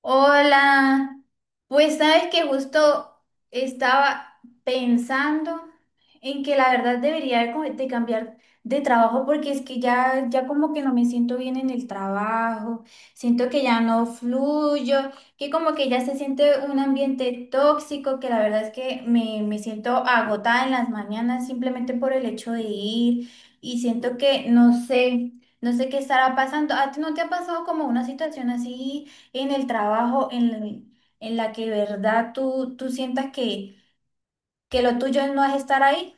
Hola, pues sabes que justo estaba pensando en que la verdad debería de cambiar de trabajo porque es que ya como que no me siento bien en el trabajo, siento que ya no fluyo, que como que ya se siente un ambiente tóxico, que la verdad es que me siento agotada en las mañanas simplemente por el hecho de ir y siento que no sé, no sé qué estará pasando. ¿A ti no te ha pasado como una situación así? En el trabajo en la que de verdad tú sientas que lo tuyo no es estar ahí.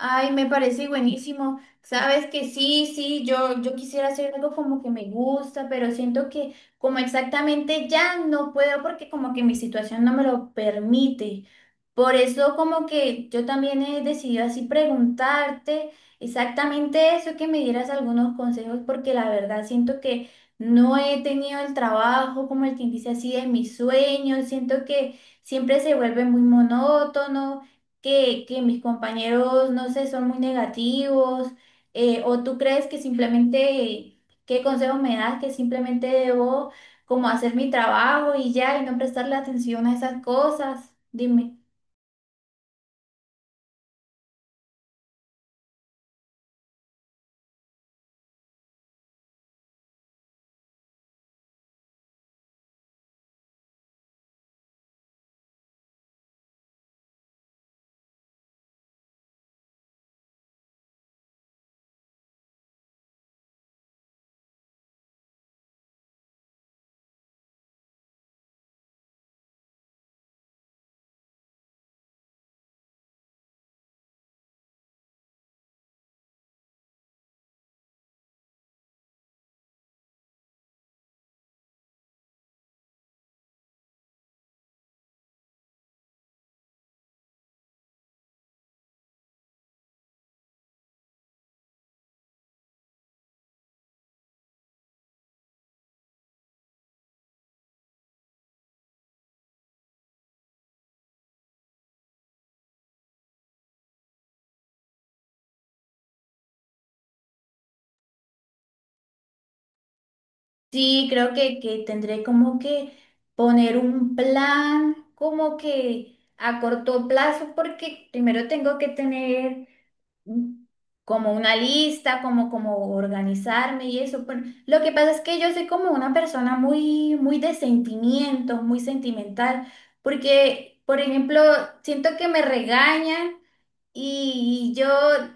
Ay, me parece buenísimo. Sabes que sí, sí, yo quisiera hacer algo como que me gusta, pero siento que como exactamente ya no puedo porque como que mi situación no me lo permite. Por eso como que yo también he decidido así preguntarte exactamente eso, que me dieras algunos consejos, porque la verdad siento que no he tenido el trabajo como el que dice así de mis sueños, siento que siempre se vuelve muy monótono que mis compañeros, no sé, son muy negativos. ¿O tú crees que simplemente, qué consejos me das, que simplemente debo como hacer mi trabajo y ya y no prestarle atención a esas cosas? Dime. Sí, creo que tendré como que poner un plan como que a corto plazo porque primero tengo que tener un- como una lista, como, como organizarme y eso. Pero lo que pasa es que yo soy como una persona muy de sentimientos, muy sentimental, porque, por ejemplo, siento que me regañan y yo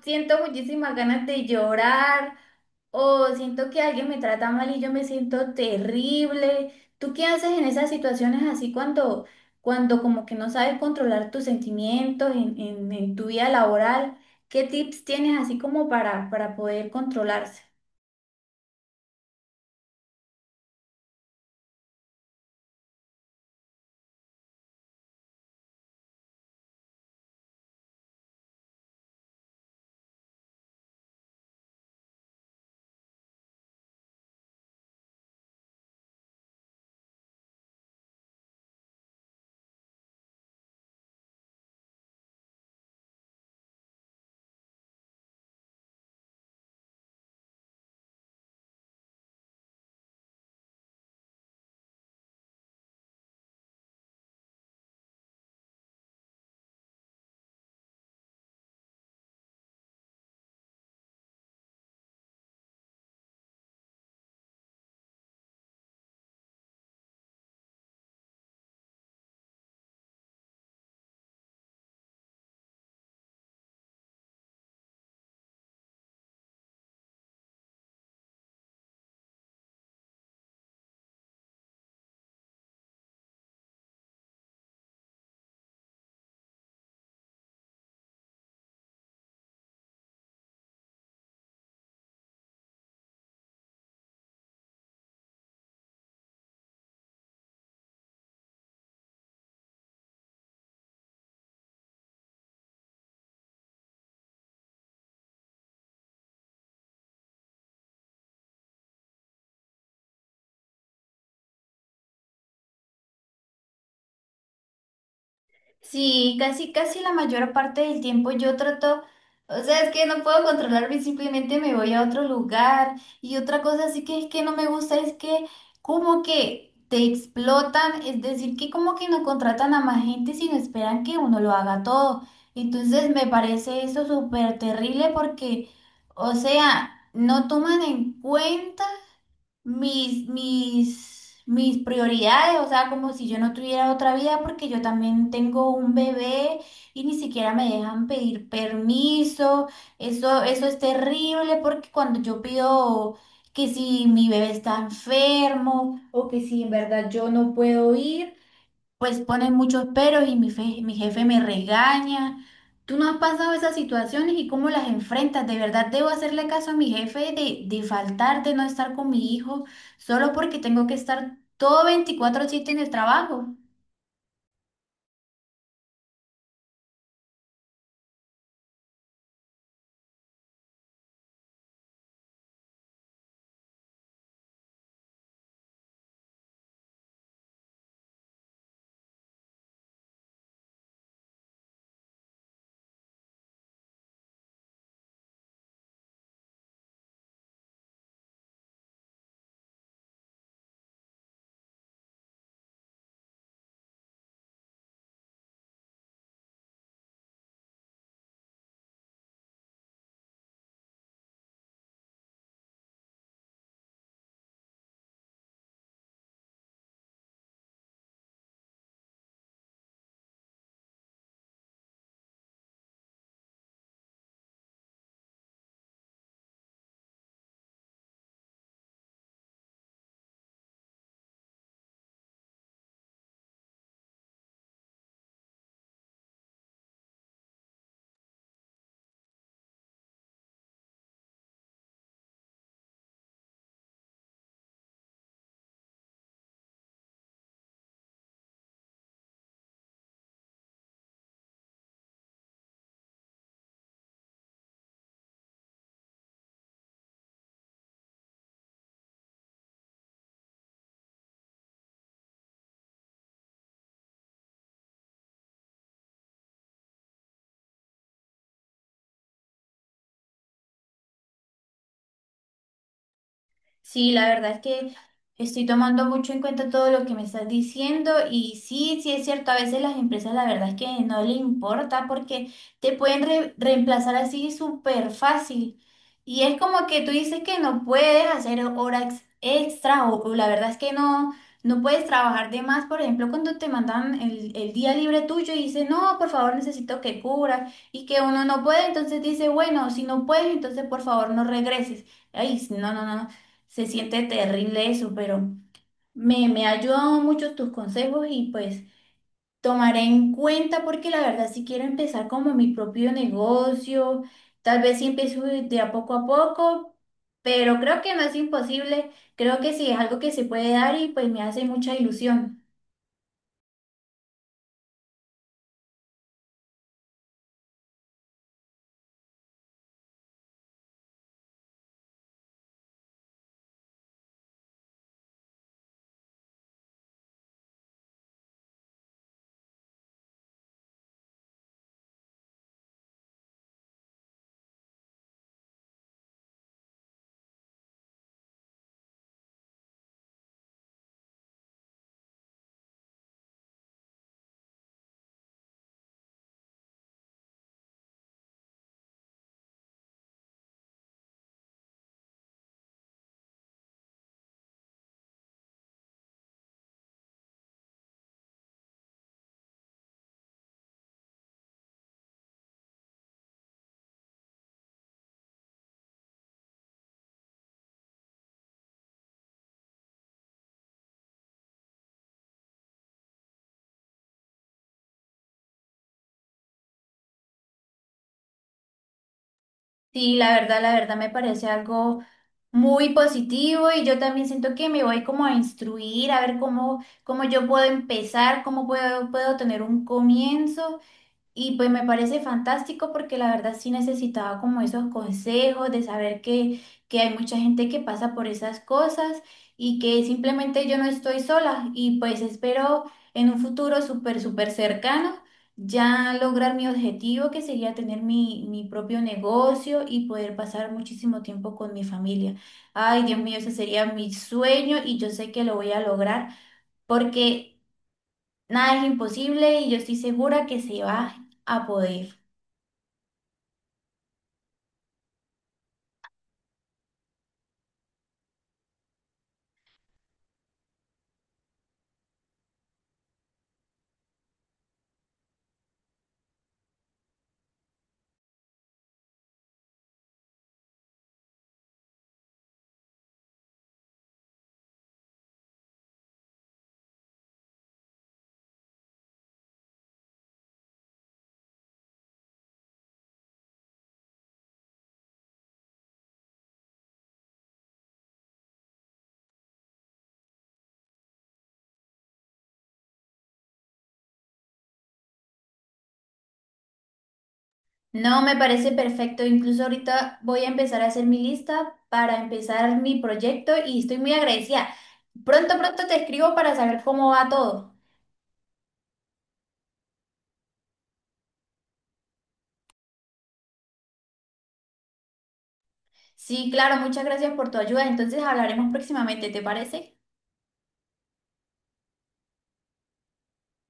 siento muchísimas ganas de llorar o siento que alguien me trata mal y yo me siento terrible. ¿Tú qué haces en esas situaciones así cuando, cuando como que no sabes controlar tus sentimientos en, en tu vida laboral? ¿Qué tips tienes así como para poder controlarse? Sí, casi, casi la mayor parte del tiempo yo trato, o sea, es que no puedo controlarme, simplemente me voy a otro lugar. Y otra cosa así que es que no me gusta es que como que te explotan, es decir, que como que no contratan a más gente, sino esperan que uno lo haga todo. Entonces me parece eso súper terrible porque, o sea, no toman en cuenta mis prioridades, o sea, como si yo no tuviera otra vida, porque yo también tengo un bebé y ni siquiera me dejan pedir permiso. Eso es terrible porque cuando yo pido que si mi bebé está enfermo o que si en verdad yo no puedo ir, pues ponen muchos peros y mi jefe me regaña. ¿Tú no has pasado esas situaciones y cómo las enfrentas? ¿De verdad debo hacerle caso a mi jefe de faltar, de no estar con mi hijo, solo porque tengo que estar todo 24/7 en el trabajo? Sí, la verdad es que estoy tomando mucho en cuenta todo lo que me estás diciendo y sí, sí es cierto, a veces las empresas la verdad es que no le importa porque te pueden reemplazar así súper fácil y es como que tú dices que no puedes hacer horas extra o la verdad es que no, no puedes trabajar de más, por ejemplo, cuando te mandan el día libre tuyo y dices, no, por favor, necesito que cubras y que uno no puede, entonces dice, bueno, si no puedes, entonces por favor no regreses. Ay, no, no, no. Se siente terrible eso, pero me ha ayudado mucho tus consejos y pues tomaré en cuenta porque la verdad si quiero empezar como mi propio negocio, tal vez si empiezo de a poco, pero creo que no es imposible, creo que sí es algo que se puede dar y pues me hace mucha ilusión. Sí, la verdad me parece algo muy positivo y yo también siento que me voy como a instruir, a ver cómo, cómo yo puedo empezar, cómo puedo, puedo tener un comienzo. Y pues me parece fantástico porque la verdad sí necesitaba como esos consejos de saber que hay mucha gente que pasa por esas cosas y que simplemente yo no estoy sola y pues espero en un futuro súper, súper cercano ya lograr mi objetivo que sería tener mi propio negocio y poder pasar muchísimo tiempo con mi familia. Ay, Dios mío, ese sería mi sueño y yo sé que lo voy a lograr porque nada es imposible y yo estoy segura que se va a poder. No, me parece perfecto. Incluso ahorita voy a empezar a hacer mi lista para empezar mi proyecto y estoy muy agradecida. Pronto, pronto te escribo para saber cómo va todo. Sí, claro, muchas gracias por tu ayuda. Entonces hablaremos próximamente, ¿te parece?